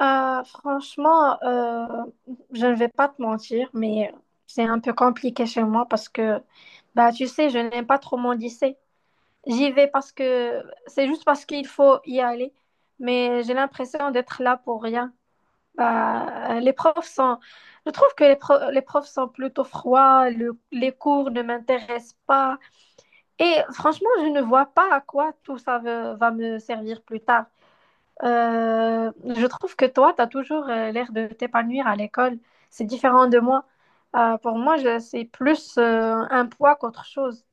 Franchement, je ne vais pas te mentir, mais c'est un peu compliqué chez moi parce que, bah, tu sais, je n'aime pas trop mon lycée. J'y vais parce que c'est juste parce qu'il faut y aller, mais j'ai l'impression d'être là pour rien. Bah, les profs sont, je trouve que les, les profs sont plutôt froids, les cours ne m'intéressent pas, et franchement, je ne vois pas à quoi tout ça va me servir plus tard. Je trouve que toi, tu as toujours l'air de t'épanouir à l'école. C'est différent de moi. Pour moi, c'est plus un poids qu'autre chose.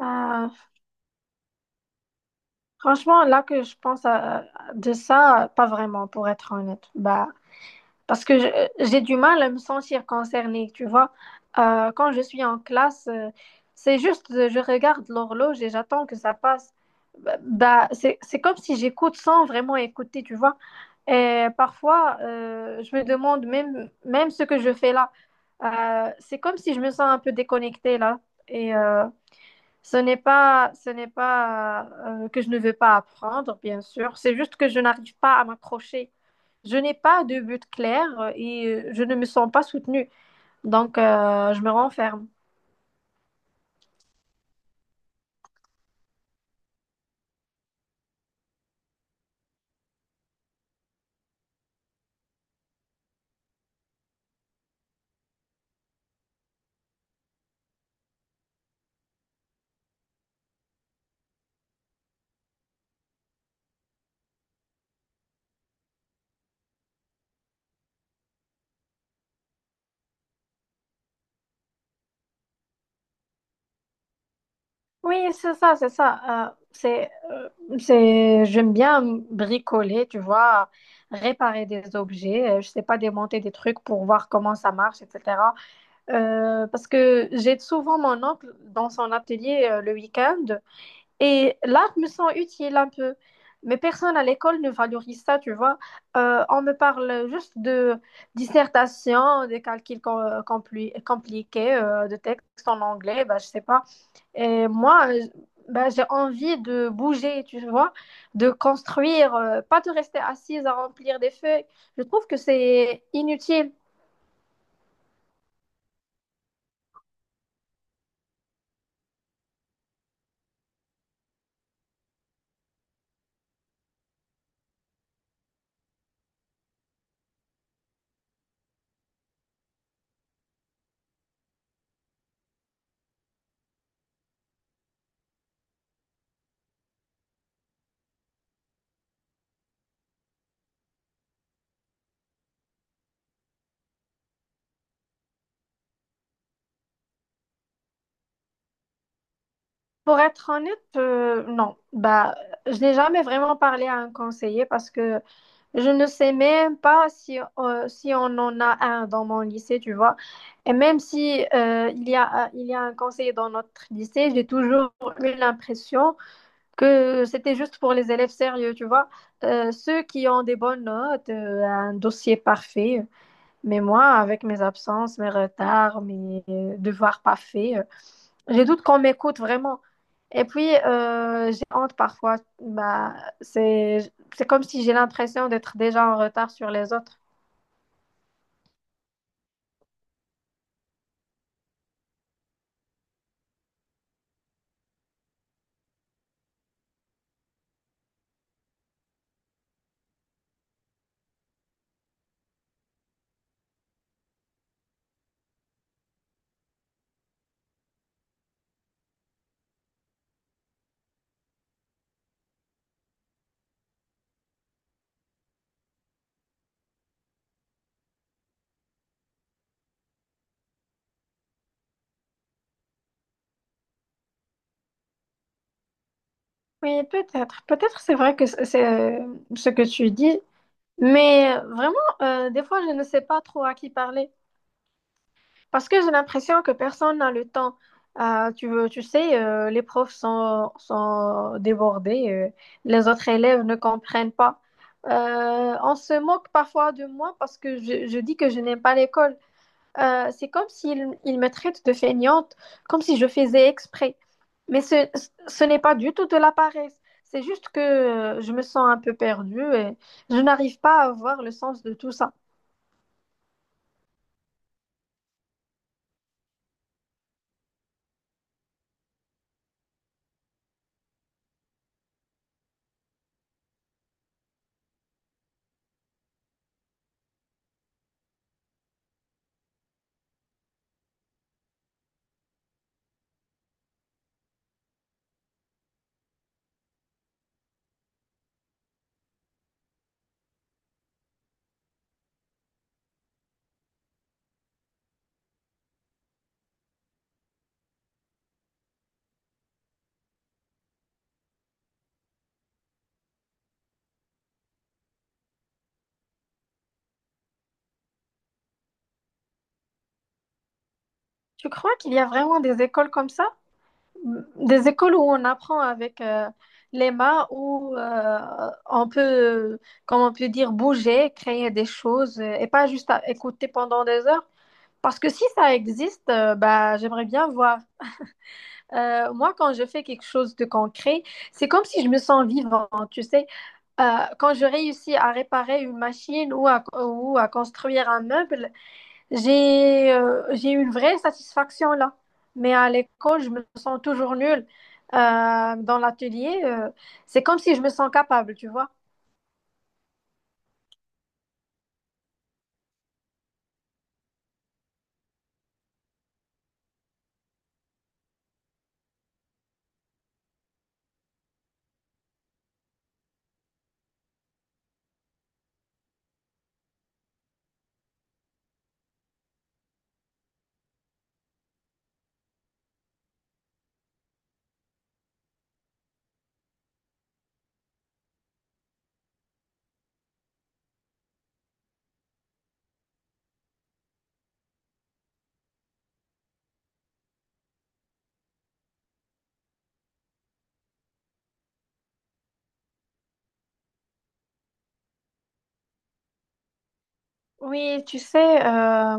Euh, Franchement, là que je pense à- de ça, pas vraiment, pour être honnête. Bah, parce que j'ai du mal à me sentir concernée, tu vois. Quand je suis en classe, c'est juste, je regarde l'horloge et j'attends que ça passe. Bah, c'est comme si j'écoute sans vraiment écouter, tu vois. Et parfois, je me demande même ce que je fais là. C'est comme si je me sens un peu déconnectée là. Et ce n'est pas que je ne veux pas apprendre, bien sûr. C'est juste que je n'arrive pas à m'accrocher. Je n'ai pas de but clair et je ne me sens pas soutenue. Donc, je me renferme. Oui, c'est ça, c'est ça. C'est, j'aime bien bricoler, tu vois, réparer des objets. Je sais pas, démonter des trucs pour voir comment ça marche, etc. Parce que j'ai souvent mon oncle dans son atelier le week-end. Et là, je me sens utile un peu. Mais personne à l'école ne valorise ça, tu vois. On me parle juste de dissertation, des calculs compliqués, de textes en anglais, bah, je sais pas. Et moi, bah, j'ai envie de bouger, tu vois, de construire, pas de rester assise à remplir des feuilles. Je trouve que c'est inutile. Pour être honnête, non. Bah, je n'ai jamais vraiment parlé à un conseiller parce que je ne sais même pas si, si on en a un dans mon lycée, tu vois. Et même si il y a un conseiller dans notre lycée, j'ai toujours eu l'impression que c'était juste pour les élèves sérieux, tu vois. Ceux qui ont des bonnes notes, un dossier parfait. Mais moi, avec mes absences, mes retards, mes devoirs pas faits, je doute qu'on m'écoute vraiment. Et puis, j'ai honte parfois. Bah, c'est, c'est comme si j'ai l'impression d'être déjà en retard sur les autres. Oui, peut-être. Peut-être c'est vrai que c'est euh, ce que tu dis. Mais vraiment, des fois, je ne sais pas trop à qui parler. Parce que j'ai l'impression que personne n'a le temps. Ah, tu veux, tu sais, les profs sont débordés, les autres élèves ne comprennent pas. On se moque parfois de moi parce que je dis que je n'aime pas l'école. C'est comme s'ils ils me traitent de feignante, comme si je faisais exprès. Mais ce n'est pas du tout de la paresse. C'est juste que je me sens un peu perdue et je n'arrive pas à voir le sens de tout ça. Tu crois qu'il y a vraiment des écoles comme ça? Des écoles où on apprend avec les mains, où on peut, comme on peut dire, bouger, créer des choses et pas juste à écouter pendant des heures. Parce que si ça existe, bah, j'aimerais bien voir. Moi, quand je fais quelque chose de concret, c'est comme si je me sens vivante, tu sais. Euh, Quand je réussis à réparer une machine ou à construire un meuble, j'ai eu une vraie satisfaction là. Mais à l'école, je me sens toujours nulle. Dans l'atelier, c'est comme si je me sens capable, tu vois. Oui, tu sais,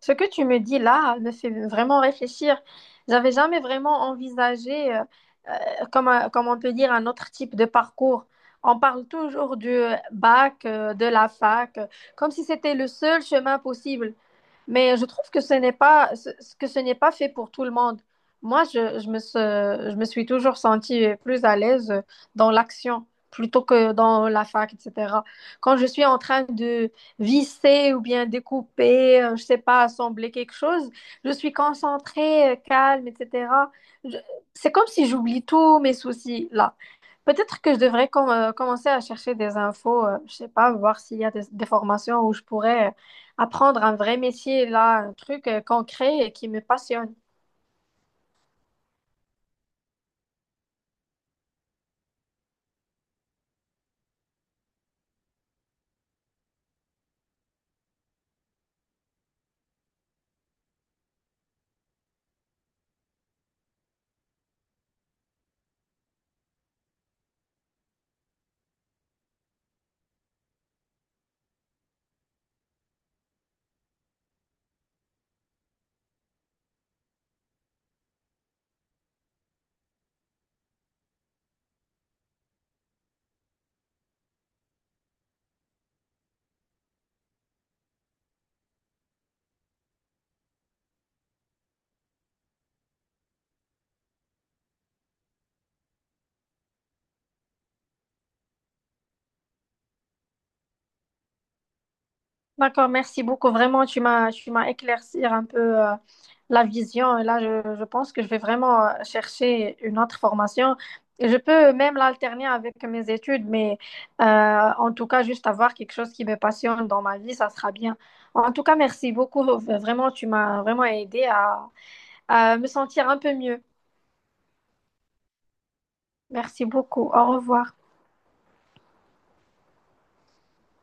ce que tu me dis là me fait vraiment réfléchir. J'avais jamais vraiment envisagé, comme, comme on peut dire, un autre type de parcours. On parle toujours du bac, de la fac, comme si c'était le seul chemin possible. Mais je trouve que ce n'est pas, ce- que ce n'est pas fait pour tout le monde. Moi, je me suis toujours sentie plus à l'aise dans l'action plutôt que dans la fac, etc. Quand je suis en train de visser ou bien découper, je sais pas, assembler quelque chose, je suis concentrée, calme, etc. Je- c'est comme si j'oublie tous mes soucis là. Peut-être que je devrais commencer à chercher des infos, je sais pas, voir s'il y a des formations où je pourrais apprendre un vrai métier, là, un truc concret et qui me passionne. D'accord, merci beaucoup. Vraiment, tu m'as éclaircir un peu la vision. Et là, je pense que je vais vraiment chercher une autre formation. Et je peux même l'alterner avec mes études, mais euh, en tout cas, juste avoir quelque chose qui me passionne dans ma vie, ça sera bien. En tout cas, merci beaucoup. Vraiment, tu m'as vraiment aidé à me sentir un peu mieux. Merci beaucoup. Au revoir.